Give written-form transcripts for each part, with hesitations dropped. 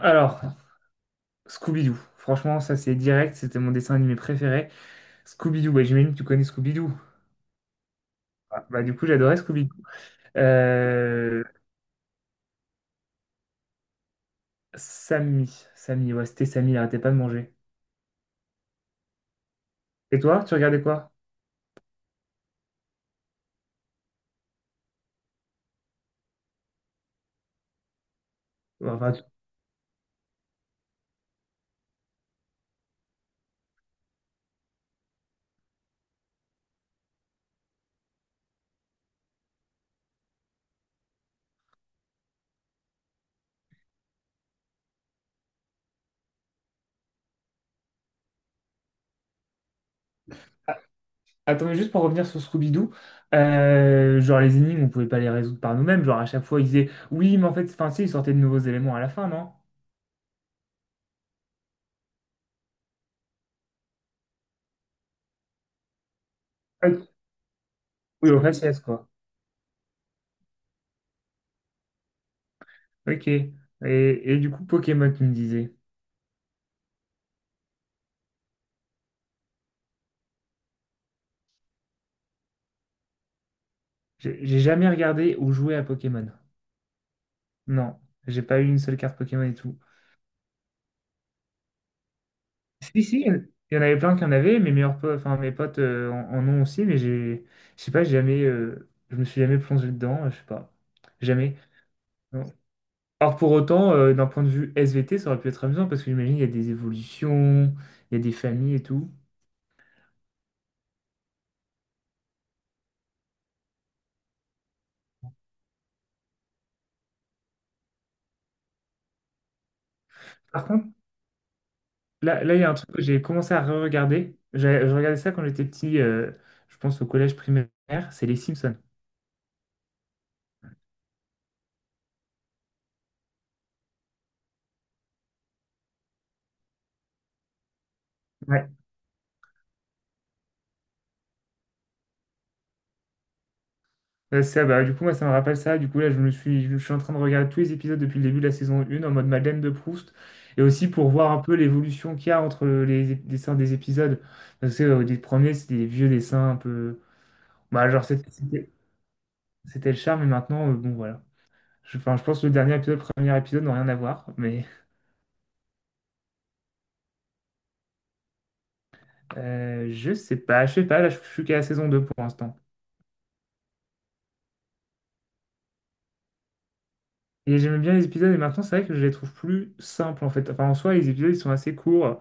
Alors, Scooby-Doo. Franchement, ça c'est direct, c'était mon dessin animé préféré. Scooby-Doo, bah, j'imagine que tu connais Scooby-Doo. Ah, bah, du coup, j'adorais Scooby-Doo. Euh, Samy, Samy, ouais, c'était Samy, il arrêtait pas de manger. Et toi, tu regardais quoi? Bon, enfin, tu- Attends, mais juste pour revenir sur Scooby-Doo, genre les énigmes, on pouvait pas les résoudre par nous-mêmes. Genre à chaque fois, ils disaient oui, mais en fait, enfin, si, ils sortaient de nouveaux éléments à la fin, non? Ah, oui, en faciès, quoi. Ok. Et du coup, Pokémon, tu me disais. J'ai jamais regardé ou joué à Pokémon. Non, j'ai pas eu une seule carte Pokémon et tout. Si, si, il y en avait plein qui en avaient, mes meilleurs potes, enfin mes potes en, en ont aussi, mais je sais pas, j'ai jamais, je me suis jamais plongé dedans, je sais pas, jamais. Non. Alors pour autant, d'un point de vue SVT, ça aurait pu être amusant parce que j'imagine il y a des évolutions, il y a des familles et tout. Par contre, là il y a un truc que j'ai commencé à re-regarder. J'ai- Je regardais ça quand j'étais petit, je pense au collège primaire, c'est les Simpsons. Du coup, moi, ça me rappelle ça. Du coup, là, je suis en train de regarder tous les épisodes depuis le début de la saison 1 en mode Madeleine de Proust. Et aussi pour voir un peu l'évolution qu'il y a entre les ép- dessins des épisodes. Parce que, des premiers, c'était des vieux dessins un peu. Bah, genre, c'était le charme. Et maintenant, bon, voilà. Enfin, je pense que le dernier épisode, le premier épisode, n'ont rien à voir. Mais je sais pas. Je sais pas. Là, je suis qu'à la saison 2 pour l'instant. Et j'aimais bien les épisodes. Et maintenant, c'est vrai que je les trouve plus simples, en fait. Enfin, en soi, les épisodes, ils sont assez courts,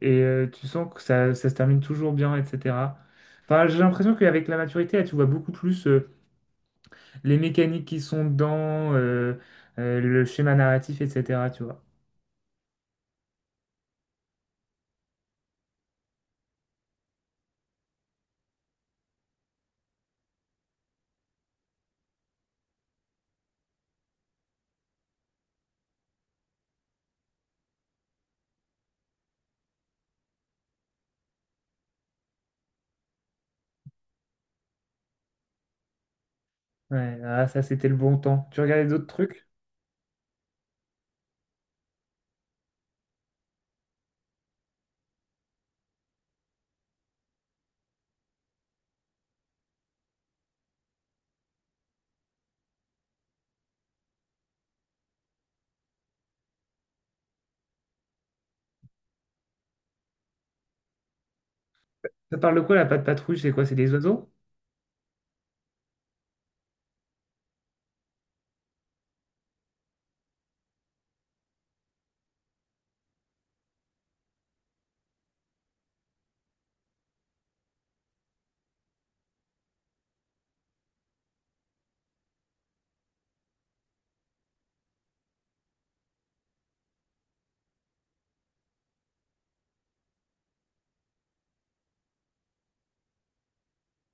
et tu sens que ça se termine toujours bien, etc. Enfin, j'ai l'impression qu'avec la maturité, là, tu vois beaucoup plus les mécaniques qui sont dedans, le schéma narratif, etc. Tu vois. Ouais, ah, ça, c'était le bon temps. Tu regardais d'autres trucs? Ça parle de quoi, la patte patrouille? C'est quoi? C'est des oiseaux?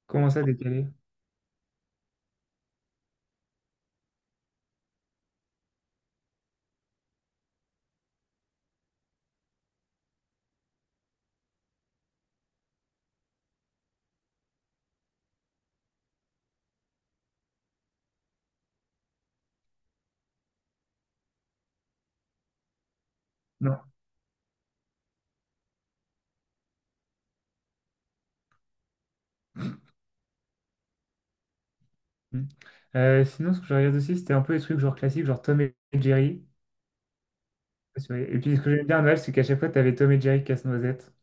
Comment ça, décalé? Non. Hmm. Sinon, ce que je regarde aussi, c'était un peu les trucs genre classiques, genre Tom et Jerry. Et puis, ce que j'aime bien à Noël, c'est qu'à chaque fois, tu avais Tom et Jerry casse-noisette.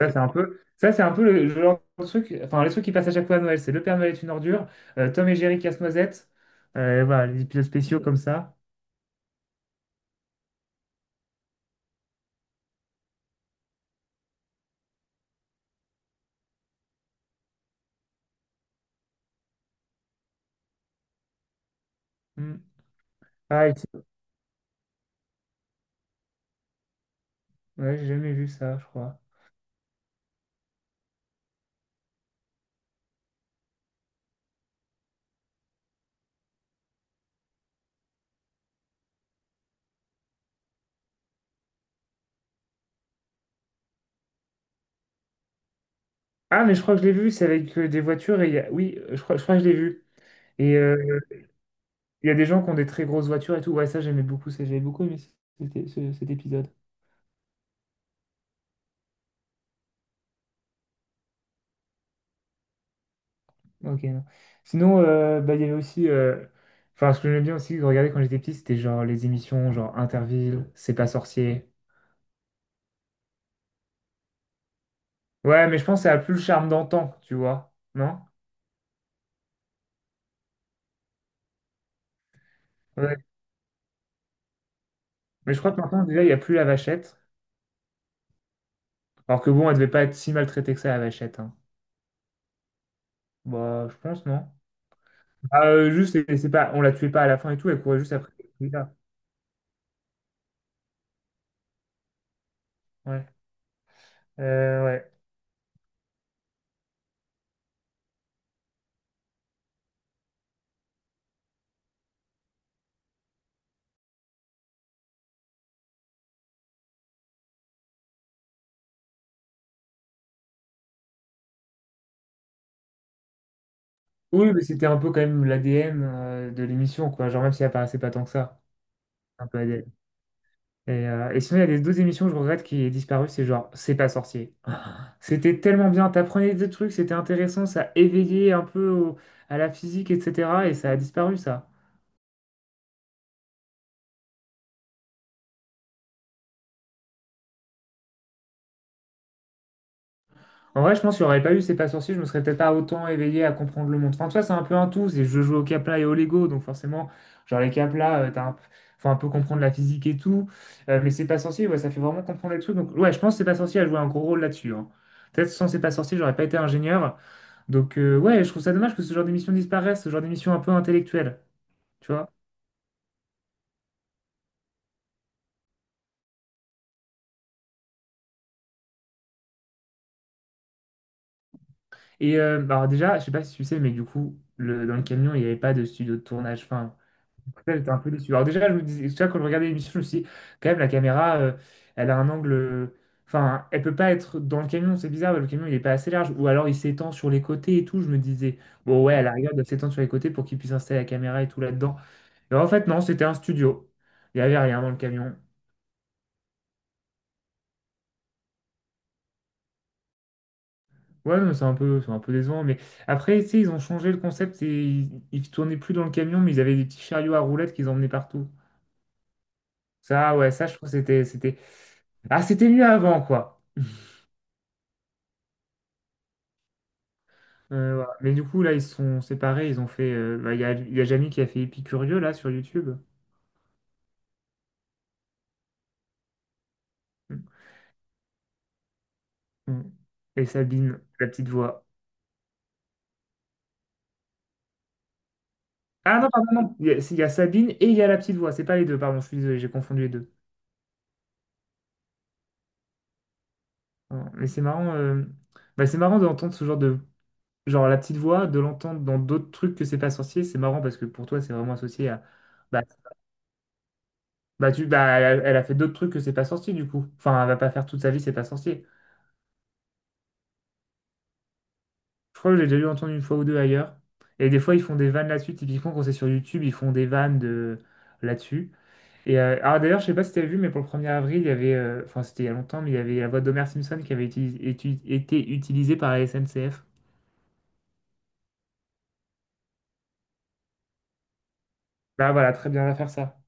Ça, c'est un peu, ça, c'est un peu le genre de truc, enfin, les trucs qui passent à chaque fois à Noël, c'est Le Père Noël est une ordure, Tom et Jerry casse-noisette, voilà, les épisodes spéciaux comme ça. Hmm. Ah, et c'est- ouais, j'ai jamais vu ça, je crois. Ah, mais je crois que je l'ai vu, c'est avec des voitures et il y a... Oui, je crois que je l'ai vu. et. euh, Il y a des gens qui ont des très grosses voitures et tout. Ouais, ça, j'aimais beaucoup. Ça, j'avais beaucoup aimé cet épisode. Ok, non. Sinon, il y avait aussi. Enfin, ce que j'aimais bien aussi de regarder quand j'étais petit, c'était genre les émissions, genre Interville, C'est pas sorcier. Ouais, mais je pense que ça a plus le charme d'antan, tu vois. Non? Ouais. Mais je crois que maintenant, déjà, il n'y a plus la vachette. Alors que bon, elle devait pas être si maltraitée que ça, la vachette, hein. Bah, je pense, non? Ah, juste, c'est pas, on la tuait pas à la fin et tout, elle courait juste après. Ouais. Ouais. Oui, mais c'était un peu quand même l'ADN de l'émission, quoi. Genre, même si elle apparaissait pas tant que ça. Un peu ADN. Et sinon, il y a des deux émissions que je regrette qui est disparu, c'est genre C'est pas sorcier. C'était tellement bien, t'apprenais des trucs, c'était intéressant, ça éveillait un peu au- à la physique, etc. Et ça a disparu, ça. En vrai, je pense qu'il n'y aurait pas eu ces pas sorciers, je me serais peut-être pas autant éveillé à comprendre le monde. Enfin, tu vois, c'est un peu un tout. C'est je joue au Capla et au Lego, donc forcément, genre les Capla, t'as un- faut un peu comprendre la physique et tout. Mais c'est pas sorcier, ouais, ça fait vraiment comprendre les trucs. Donc ouais, je pense que c'est pas sorcier a joué un gros rôle là-dessus, hein. Peut-être sans c'est pas sorcier, j'aurais pas été ingénieur. Donc ouais, je trouve ça dommage que ce genre d'émission disparaisse, ce genre d'émission un peu intellectuelle, tu vois. Et bah, alors déjà, je sais pas si tu sais, mais du coup, dans le camion, il n'y avait pas de studio de tournage. Enfin, là, j'étais un peu déçu. Alors déjà, je me disais, déjà, quand je regardais l'émission, je me suis dit, quand même, la caméra, elle a un angle... Enfin, elle peut pas être dans le camion, c'est bizarre, le camion, il est pas assez large. Ou alors, il s'étend sur les côtés et tout. Je me disais, bon, ouais, à l'arrière, il doit s'étendre sur les côtés pour qu'il puisse installer la caméra et tout là-dedans. Et en fait, non, c'était un studio. Il y avait rien dans le camion. Ouais, non, c'est un peu décevant. Mais après, tu sais, ils ont changé le concept et ils tournaient plus dans le camion, mais ils avaient des petits chariots à roulettes qu'ils emmenaient partout. Ça, ouais, ça, je trouve que c'était... Ah, c'était mieux avant, quoi. Voilà. Mais du coup, là, ils se sont séparés. Ils ont fait. Il y a Jamie qui a fait Épicurieux, là, sur YouTube. Mm. Mm. Et Sabine, la petite voix. Ah non, pardon, non. Il y a Sabine et il y a la petite voix. C'est pas les deux, pardon. Je suis désolé, j'ai confondu les deux. Voilà. Mais c'est marrant. Bah, c'est marrant d'entendre ce genre de. Genre, la petite voix, de l'entendre dans d'autres trucs que c'est pas sorcier. C'est marrant parce que pour toi, c'est vraiment associé à. Bah, bah, elle a fait d'autres trucs que c'est pas sorcier, du coup. Enfin, elle va pas faire toute sa vie, c'est pas sorcier. Je crois que j'ai déjà eu entendu une fois ou deux ailleurs. Et des fois, ils font des vannes là-dessus. Typiquement, quand c'est sur YouTube, ils font des vannes de... là-dessus. Et alors d'ailleurs, je sais pas si tu as vu, mais pour le premier avril, enfin c'était il y a longtemps, mais il y avait la voix d'Homer Simpson qui avait été utilisée par la SNCF. Bah voilà, très bien, on va faire ça.